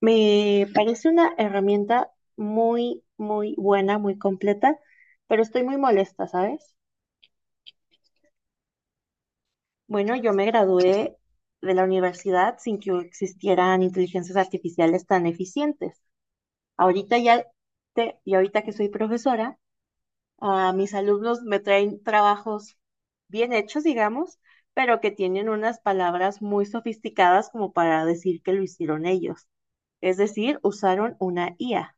Me parece una herramienta muy, muy buena, muy completa, pero estoy muy molesta, ¿sabes? Bueno, yo me gradué de la universidad sin que existieran inteligencias artificiales tan eficientes. Ahorita ya y ahorita que soy profesora, a mis alumnos me traen trabajos bien hechos, digamos, pero que tienen unas palabras muy sofisticadas como para decir que lo hicieron ellos. Es decir, usaron una IA.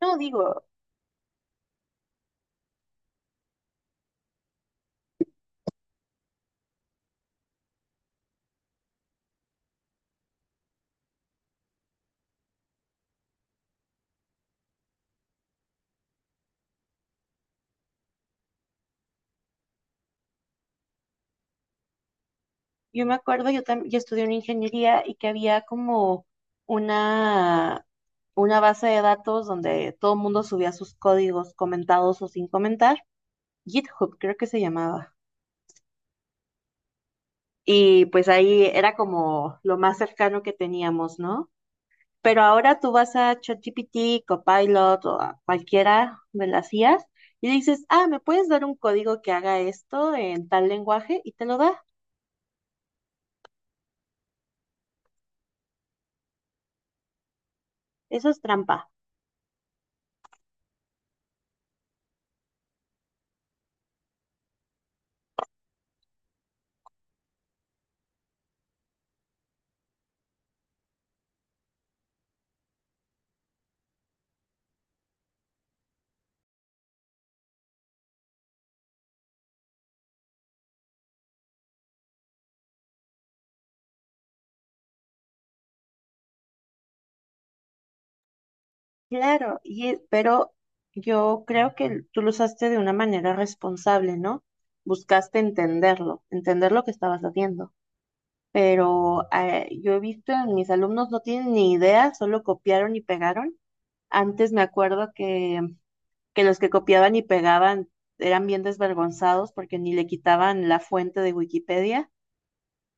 No digo. Yo me acuerdo, yo estudié una ingeniería y que había como una, una base de datos donde todo el mundo subía sus códigos comentados o sin comentar. GitHub creo que se llamaba. Y pues ahí era como lo más cercano que teníamos, ¿no? Pero ahora tú vas a ChatGPT, Copilot o a cualquiera de las IAs y dices, ah, ¿me puedes dar un código que haga esto en tal lenguaje? Y te lo da. Eso es trampa. Claro, pero yo creo que tú lo usaste de una manera responsable, ¿no? Buscaste entenderlo, entender lo que estabas haciendo. Pero yo he visto en mis alumnos no tienen ni idea, solo copiaron y pegaron. Antes me acuerdo que los que copiaban y pegaban eran bien desvergonzados porque ni le quitaban la fuente de Wikipedia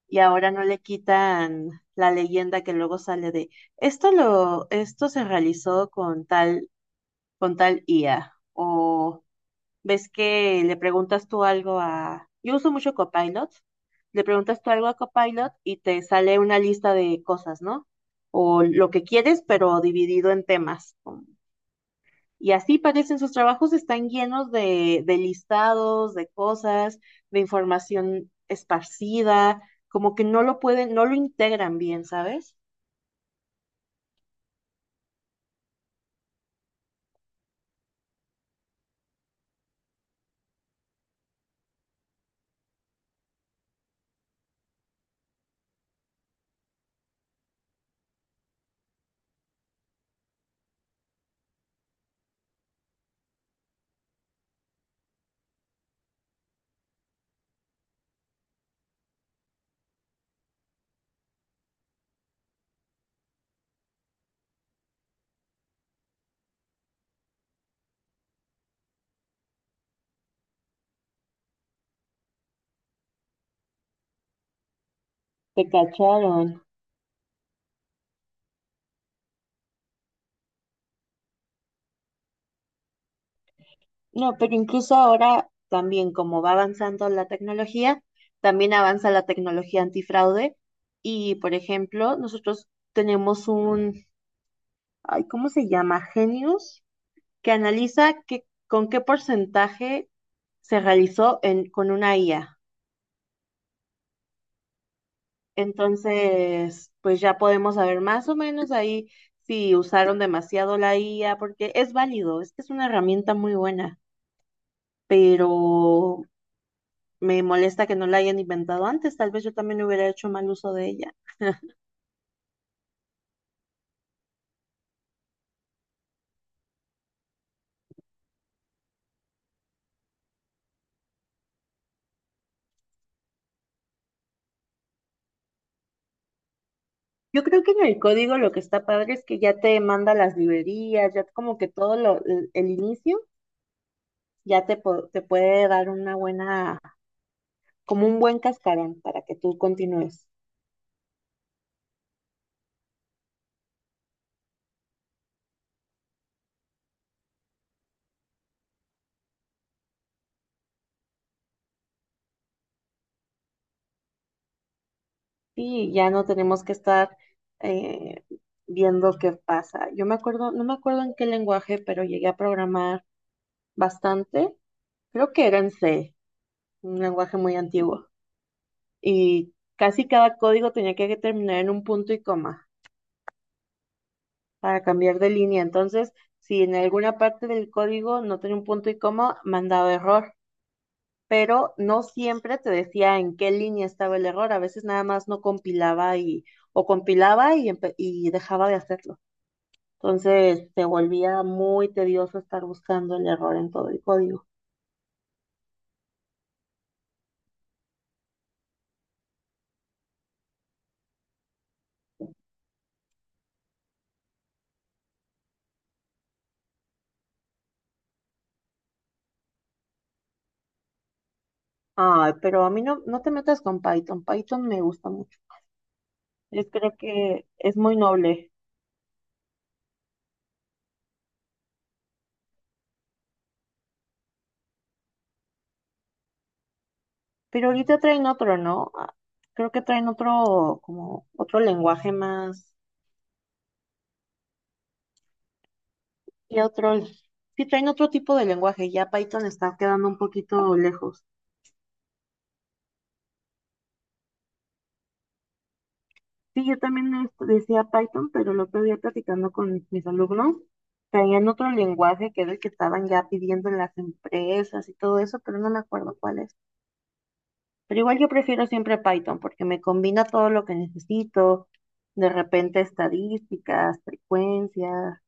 y ahora no le quitan la leyenda que luego sale de esto se realizó con tal IA. O ves que le preguntas tú algo a... Yo uso mucho Copilot. Le preguntas tú algo a Copilot y te sale una lista de cosas, ¿no? O lo que quieres, pero dividido en temas. Y así parecen sus trabajos, están llenos de listados, de cosas, de información esparcida, como que no lo pueden, no lo integran bien, ¿sabes? Te cacharon. No, pero incluso ahora también, como va avanzando la tecnología, también avanza la tecnología antifraude. Y, por ejemplo, nosotros tenemos ay, ¿cómo se llama? Genius, que analiza que, con qué porcentaje se realizó con una IA. Entonces, pues ya podemos saber más o menos ahí si usaron demasiado la IA, porque es válido, es que es una herramienta muy buena, pero me molesta que no la hayan inventado antes, tal vez yo también hubiera hecho mal uso de ella. Yo creo que en el código lo que está padre es que ya te manda las librerías, ya como que el inicio ya te, te puede dar una buena, como un buen cascarón para que tú continúes. Y ya no tenemos que estar eh, viendo qué pasa. Yo me acuerdo, no me acuerdo en qué lenguaje, pero llegué a programar bastante. Creo que era en C, un lenguaje muy antiguo. Y casi cada código tenía que terminar en un punto y coma para cambiar de línea. Entonces, si en alguna parte del código no tenía un punto y coma, mandaba error, pero no siempre te decía en qué línea estaba el error. A veces nada más no compilaba y o compilaba y, dejaba de hacerlo. Entonces, se volvía muy tedioso estar buscando el error en todo el código. Ay, pero a mí no, no te metas con Python. Python me gusta mucho. Yo creo que es muy noble. Pero ahorita traen otro, ¿no? Ah, creo que traen otro, como otro lenguaje más y otro, sí traen otro tipo de lenguaje. Ya Python está quedando un poquito lejos. Sí, yo también decía Python, pero el otro día platicando con mis alumnos, traían otro lenguaje que era el que estaban ya pidiendo en las empresas y todo eso, pero no me acuerdo cuál es. Pero igual yo prefiero siempre Python porque me combina todo lo que necesito, de repente estadísticas, frecuencias.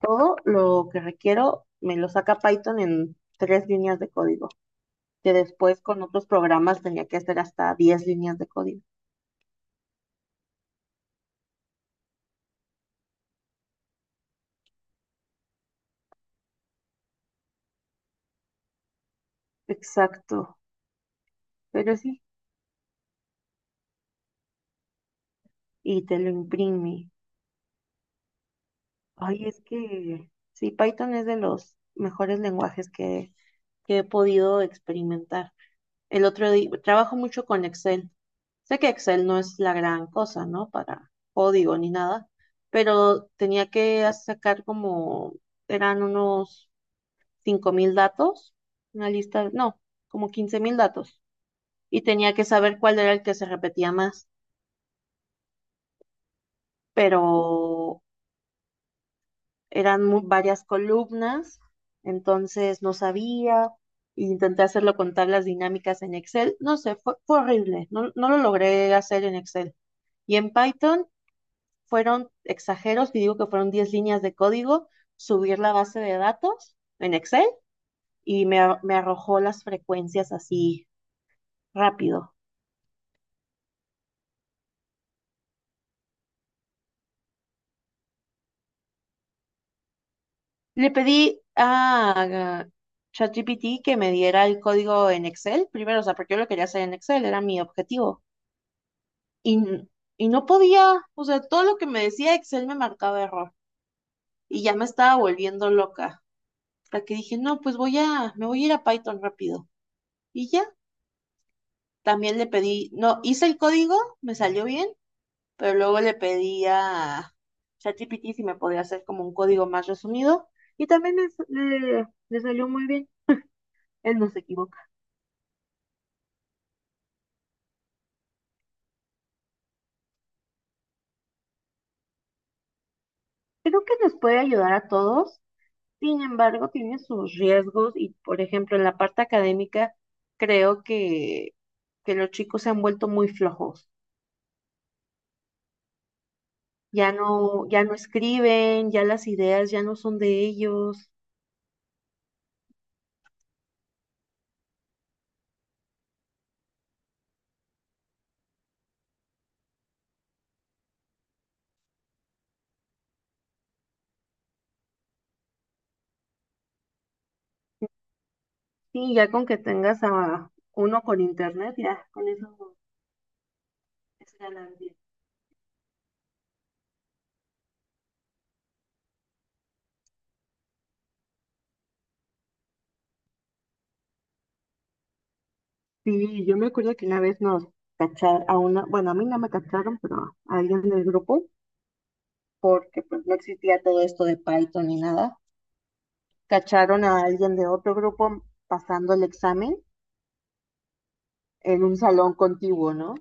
Todo lo que requiero me lo saca Python en tres líneas de código, que después con otros programas tenía que hacer hasta 10 líneas de código. Exacto, pero sí, y te lo imprime. Ay, es que sí, Python es de los mejores lenguajes que he podido experimentar. El otro día, trabajo mucho con Excel. Sé que Excel no es la gran cosa, ¿no? Para código ni nada, pero tenía que sacar como, eran unos 5.000 datos, una lista, no, como 15.000 datos, y tenía que saber cuál era el que se repetía más, pero eran varias columnas, entonces no sabía, intenté hacerlo con tablas dinámicas en Excel, no sé, fue horrible, no, no lo logré hacer en Excel. Y en Python fueron exageros, y digo que fueron 10 líneas de código, subir la base de datos en Excel y me arrojó las frecuencias así rápido. Le pedí a ChatGPT que me diera el código en Excel primero, o sea, porque yo lo quería hacer en Excel, era mi objetivo. Y, y no podía, o sea, todo lo que me decía Excel me marcaba error y ya me estaba volviendo loca. Hasta que dije, no, pues me voy a ir a Python rápido. Y ya, también le pedí, no, hice el código, me salió bien, pero luego le pedí a ChatGPT si me podía hacer como un código más resumido y también le salió muy bien. Él no se equivocó. Creo que nos puede ayudar a todos, sin embargo, tiene sus riesgos y, por ejemplo, en la parte académica, creo que los chicos se han vuelto muy flojos. Ya no, ya no escriben, ya las ideas ya no son de ellos. Sí, ya con que tengas a uno con internet, ya con eso es ganancia. Sí, yo me acuerdo que una vez nos bueno, a mí no me cacharon, pero a alguien del grupo, porque pues no existía todo esto de Python ni nada. Cacharon a alguien de otro grupo pasando el examen en un salón contiguo, ¿no?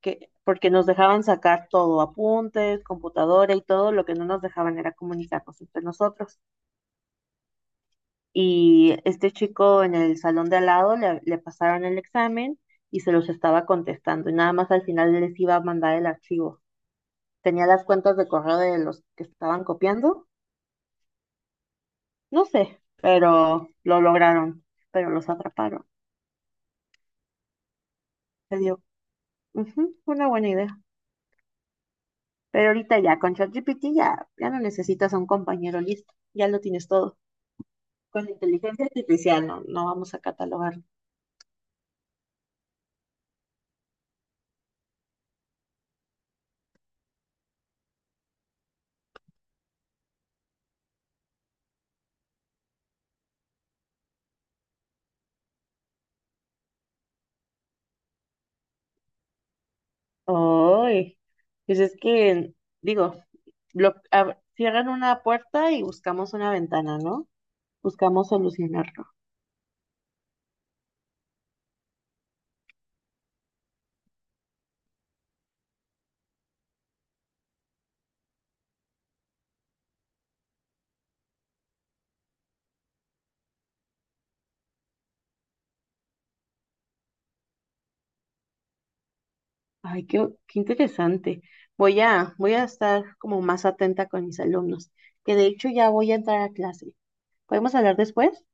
Que, porque nos dejaban sacar todo, apuntes, computadora y todo, lo que no nos dejaban era comunicarnos entre nosotros. Y este chico en el salón de al lado le pasaron el examen y se los estaba contestando y nada más al final les iba a mandar el archivo. Tenía las cuentas de correo de los que estaban copiando, no sé, pero lo lograron, pero los atraparon. Se dio. Ujú, una buena idea. Pero ahorita ya con ChatGPT ya no necesitas a un compañero listo, ya lo tienes todo. Con la inteligencia artificial no, no vamos a catalogar. Ay, pues es que, digo, cierran una puerta y buscamos una ventana, ¿no? Buscamos solucionarlo. Ay, qué interesante. Voy a estar como más atenta con mis alumnos, que de hecho ya voy a entrar a clase. ¿Podemos hablar después?